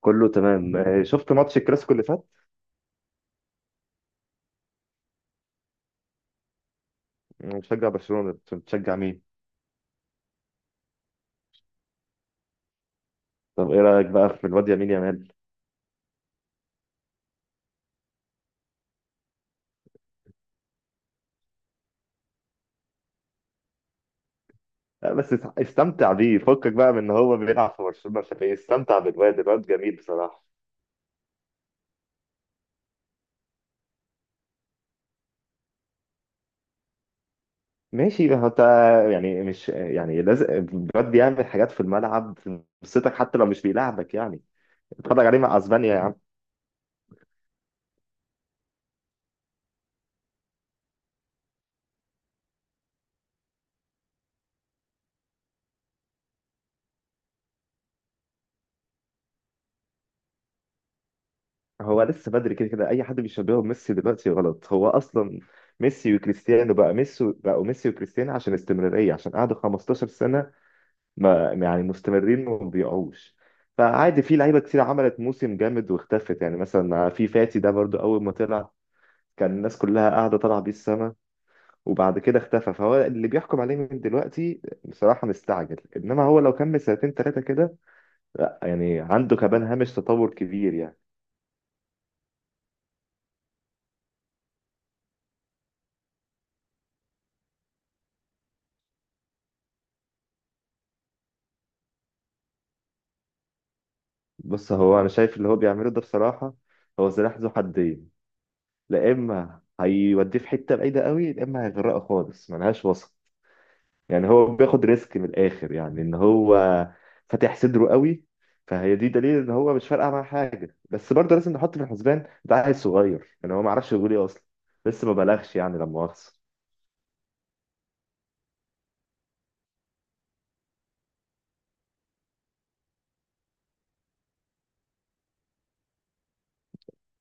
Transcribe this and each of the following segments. كله تمام آه، شفت ماتش الكلاسيكو اللي فات. أنا بشجع برشلونة، كنت بتشجع مين؟ طب ايه رأيك بقى في الواد يمين يامال؟ لا بس استمتع بيه، فكك بقى من ان هو بيلعب في برشلونة عشان ايه، استمتع بالواد، الواد جميل بصراحة. ماشي هو انت. يعني مش يعني لازم الواد بيعمل حاجات في الملعب تبسطك حتى لو مش بيلعبك يعني. اتفرج عليه مع اسبانيا يا عم. هو لسه بدري، كده كده اي حد بيشبهه بميسي دلوقتي غلط. هو اصلا ميسي وكريستيانو بقى ميسي، بقوا ميسي وكريستيانو عشان استمرارية، عشان قعدوا 15 سنة ما يعني مستمرين وما بيقعوش. فعادي، في لعيبه كتير عملت موسم جامد واختفت. يعني مثلا في فاتي ده برضو، اول ما طلع كان الناس كلها قاعده طالعه بيه السما، وبعد كده اختفى. فهو اللي بيحكم عليه من دلوقتي بصراحه مستعجل، انما هو لو كمل سنتين ثلاثه كده، لا يعني عنده كمان هامش تطور كبير يعني. بص، هو انا شايف اللي هو بيعمله ده بصراحه، هو سلاح ذو حدين. لا اما هيوديه في حته بعيده قوي، لا اما هيغرقه خالص، ملهاش وسط. يعني هو بياخد ريسك من الاخر، يعني ان هو فاتح صدره قوي. فهي دي دليل ان هو مش فارقه معاه حاجه، بس برضه لازم نحط في الحسبان ده عيل صغير، يعني هو ما عرفش يقول ايه اصلا، لسه ما بلغش يعني لا مؤاخذه.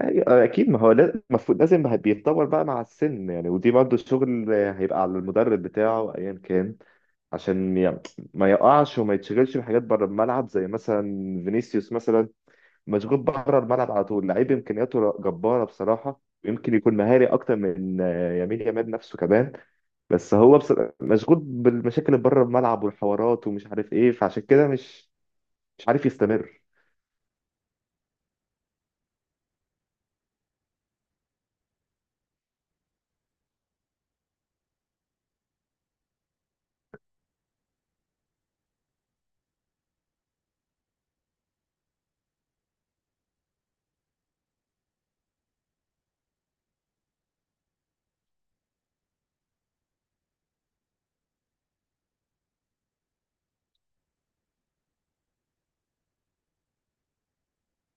اكيد، ما هو المفروض لازم بقى بيتطور بقى مع السن يعني. ودي برضه الشغل هيبقى على المدرب بتاعه ايا كان، عشان ي- ما يقعش وما يتشغلش بحاجات بره الملعب، زي مثلا فينيسيوس مثلا، مشغول بره الملعب على طول. لعيب امكانياته جباره بصراحه، ويمكن يكون مهاري اكتر من يمين يامال نفسه كمان، بس هو مشغول بالمشاكل اللي بره الملعب والحوارات ومش عارف ايه، فعشان كده مش مش عارف يستمر.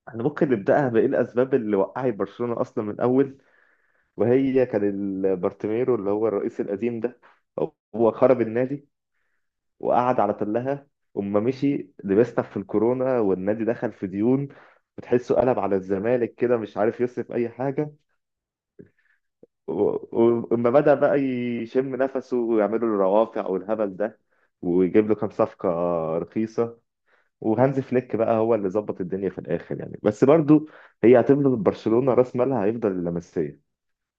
احنا ممكن نبداها بايه، الاسباب اللي وقعت برشلونه اصلا من الاول، وهي كان بارتيميرو اللي هو الرئيس القديم ده، هو خرب النادي وقعد على تلها، وما مشي لبسنا في الكورونا، والنادي دخل في ديون، بتحسه قلب على الزمالك كده مش عارف يصرف اي حاجه. ولما بدأ بقى يشم نفسه ويعملوا له روافع والهبل ده، ويجيب له كام صفقة رخيصة، وهانز فليك بقى هو اللي ظبط الدنيا في الآخر يعني. بس برضو هي هتفضل برشلونة، رأس مالها هيفضل اللمسية.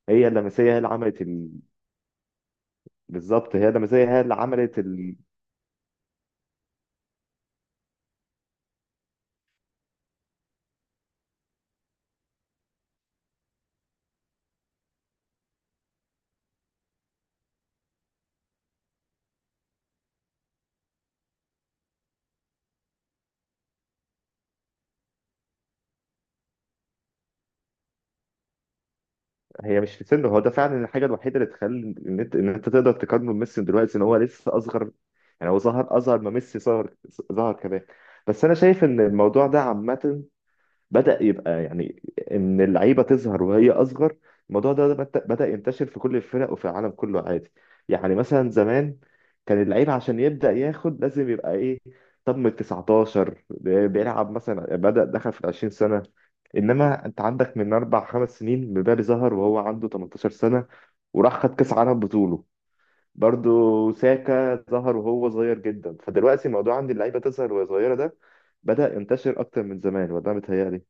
هي اللمسية هي اللي عملت ال... بالظبط، هي اللمسية هي اللي عملت ال... هي مش في سنه، هو ده فعلا الحاجة الوحيدة اللي تخلي إن أنت تقدر تقارنه بميسي دلوقتي، إن هو لسه أصغر، يعني هو ظهر أصغر ما ميسي ظهر كمان. بس أنا شايف إن الموضوع ده عامة بدأ يبقى يعني، إن اللعيبة تظهر وهي أصغر. الموضوع ده بدأ ينتشر في كل الفرق وفي العالم كله عادي. يعني مثلا زمان كان اللعيب عشان يبدأ ياخد لازم يبقى إيه، طب من 19 بيلعب مثلا، بدأ دخل في 20 سنة. إنما أنت عندك من أربع خمس سنين مبابي ظهر وهو عنده 18 سنة وراح خد كأس عالم بطوله. برضو ساكا ظهر وهو صغير جدا. فدلوقتي موضوع عند اللعيبة تظهر وهي صغيرة ده بدأ ينتشر أكتر من زمان، وده متهيألي.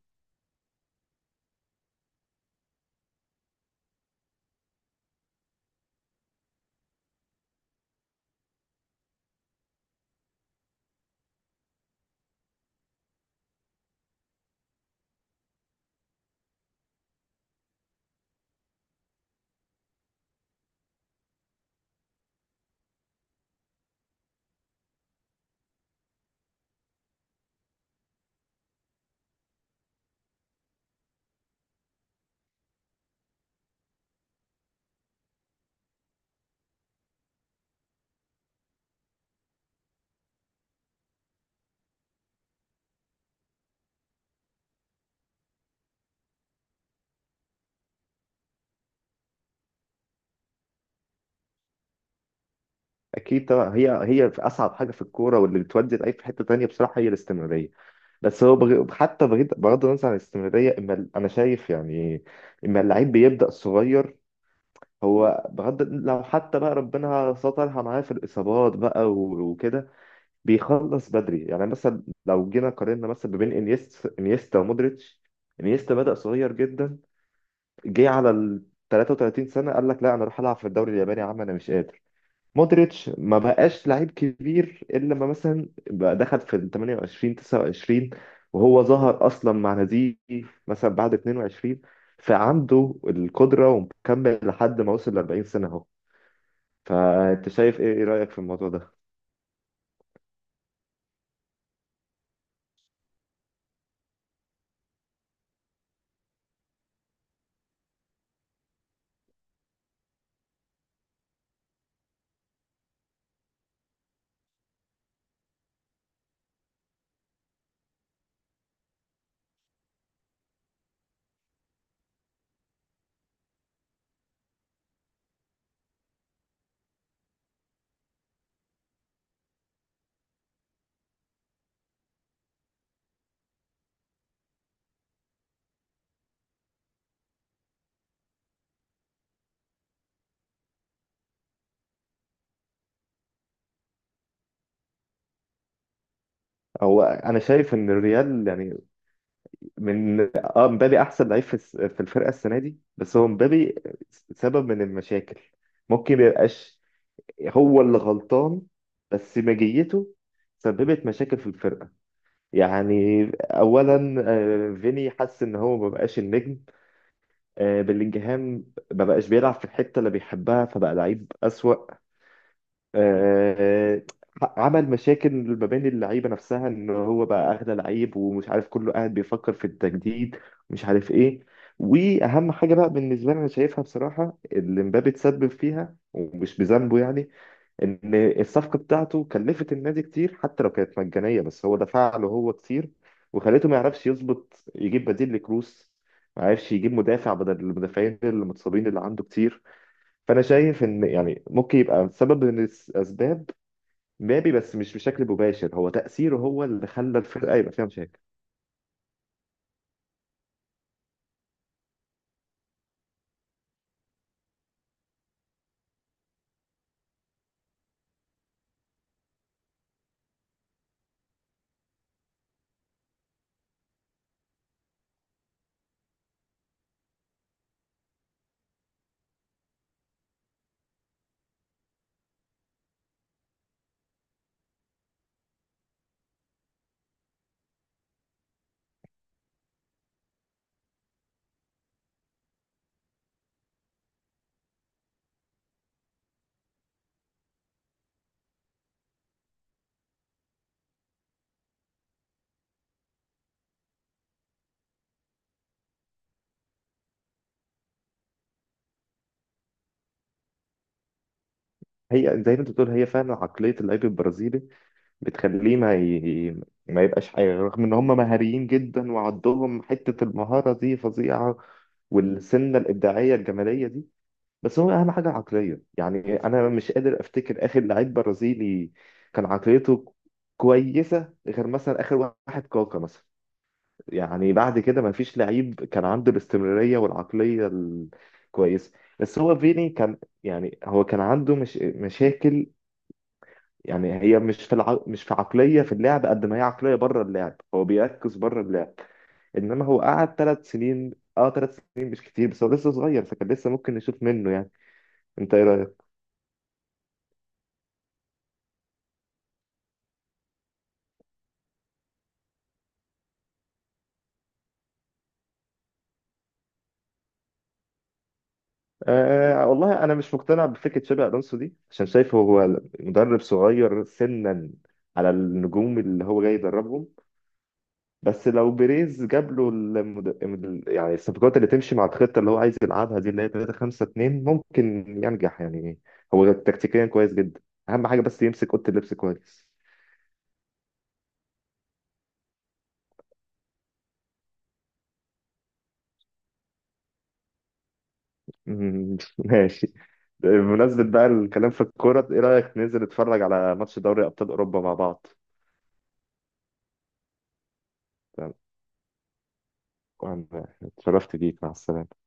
اكيد طبعا، هي هي في اصعب حاجه في الكوره واللي بتودي اي في حته تانية بصراحه هي الاستمراريه. بس هو حتى بغض النظر عن الاستمراريه، اما انا شايف يعني، اما اللعيب بيبدا صغير، هو بغض لو حتى بقى ربنا سترها معاه في الاصابات بقى وكده بيخلص بدري. يعني مثلا لو جينا قارنا مثلا ما بين انيستا ومودريتش، انيستا بدا صغير جدا، جه على ال 33 سنه قال لك لا انا اروح العب في الدوري الياباني يا عم، انا مش قادر. مودريتش ما بقاش لعيب كبير الا لما مثلا بقى دخل في ال 28 29، وهو ظهر اصلا مع ناديه مثلا بعد 22، فعنده القدره ومكمل لحد ما وصل ل 40 سنه اهو. فانت شايف ايه، إيه رايك في الموضوع ده؟ هو انا شايف ان الريال يعني، من اه مبابي احسن لعيب في في الفرقه السنه دي. بس هو مبابي سبب من المشاكل، ممكن ما يبقاش هو اللي غلطان بس مجيته سببت مشاكل في الفرقه. يعني اولا، فيني حس ان هو ما بقاش النجم. بلينجهام ما بقاش بيلعب في الحته اللي بيحبها فبقى لعيب اسوأ. آه، عمل مشاكل ما بين اللعيبه نفسها ان هو بقى اغلى لعيب، ومش عارف كله قاعد بيفكر في التجديد، مش عارف ايه. واهم حاجه بقى بالنسبه لي انا شايفها بصراحه اللي مبابي اتسبب فيها ومش بذنبه يعني، ان الصفقه بتاعته كلفت النادي كتير، حتى لو كانت مجانيه بس هو دفع له هو كتير، وخليته ما يعرفش يظبط يجيب بديل لكروس، ما عرفش يجيب مدافع بدل المدافعين المتصابين اللي عنده كتير. فانا شايف ان يعني ممكن يبقى سبب من الاسباب مبابي، بس مش بشكل مباشر، هو تاثيره هو اللي خلى الفرقه يبقى فيها مشاكل. هي زي ما انت بتقول، هي فعلا عقليه اللعيب البرازيلي بتخليه ما يبقاش حاجة، رغم إن هم مهاريين جدا وعندهم حتة المهارة دي فظيعة والسنة الإبداعية الجمالية دي، بس هو أهم حاجة العقلية. يعني أنا مش قادر أفتكر آخر لعيب برازيلي كان عقليته كويسة غير مثلا آخر واحد كاكا مثلا، يعني بعد كده ما فيش لعيب كان عنده الاستمرارية والعقلية الكويسة. بس هو فيني كان يعني، هو كان عنده مش مشاكل يعني، هي مش مش في عقلية في اللعب قد ما هي عقلية بره اللعب، هو بيركز بره اللعب. انما هو قعد ثلاث سنين، اه ثلاث سنين مش كتير، بس هو لسه صغير، فكان لسه ممكن نشوف منه يعني. انت ايه رأيك؟ آه والله انا مش مقتنع بفكرة شابي الونسو دي، عشان شايفه هو مدرب صغير سنا على النجوم اللي هو جاي يدربهم. بس لو بيريز جاب له يعني الصفقات اللي تمشي مع الخطه اللي هو عايز يلعبها دي اللي هي 3-5-2 ممكن ينجح يعني. هو تكتيكيا كويس جدا، اهم حاجه بس يمسك اوضه اللبس كويس. ماشي. بمناسبة بقى الكلام في الكورة، ايه رأيك ننزل نتفرج على ماتش دوري أبطال أوروبا مع بعض؟ تمام، اتشرفت بيك، مع السلامة.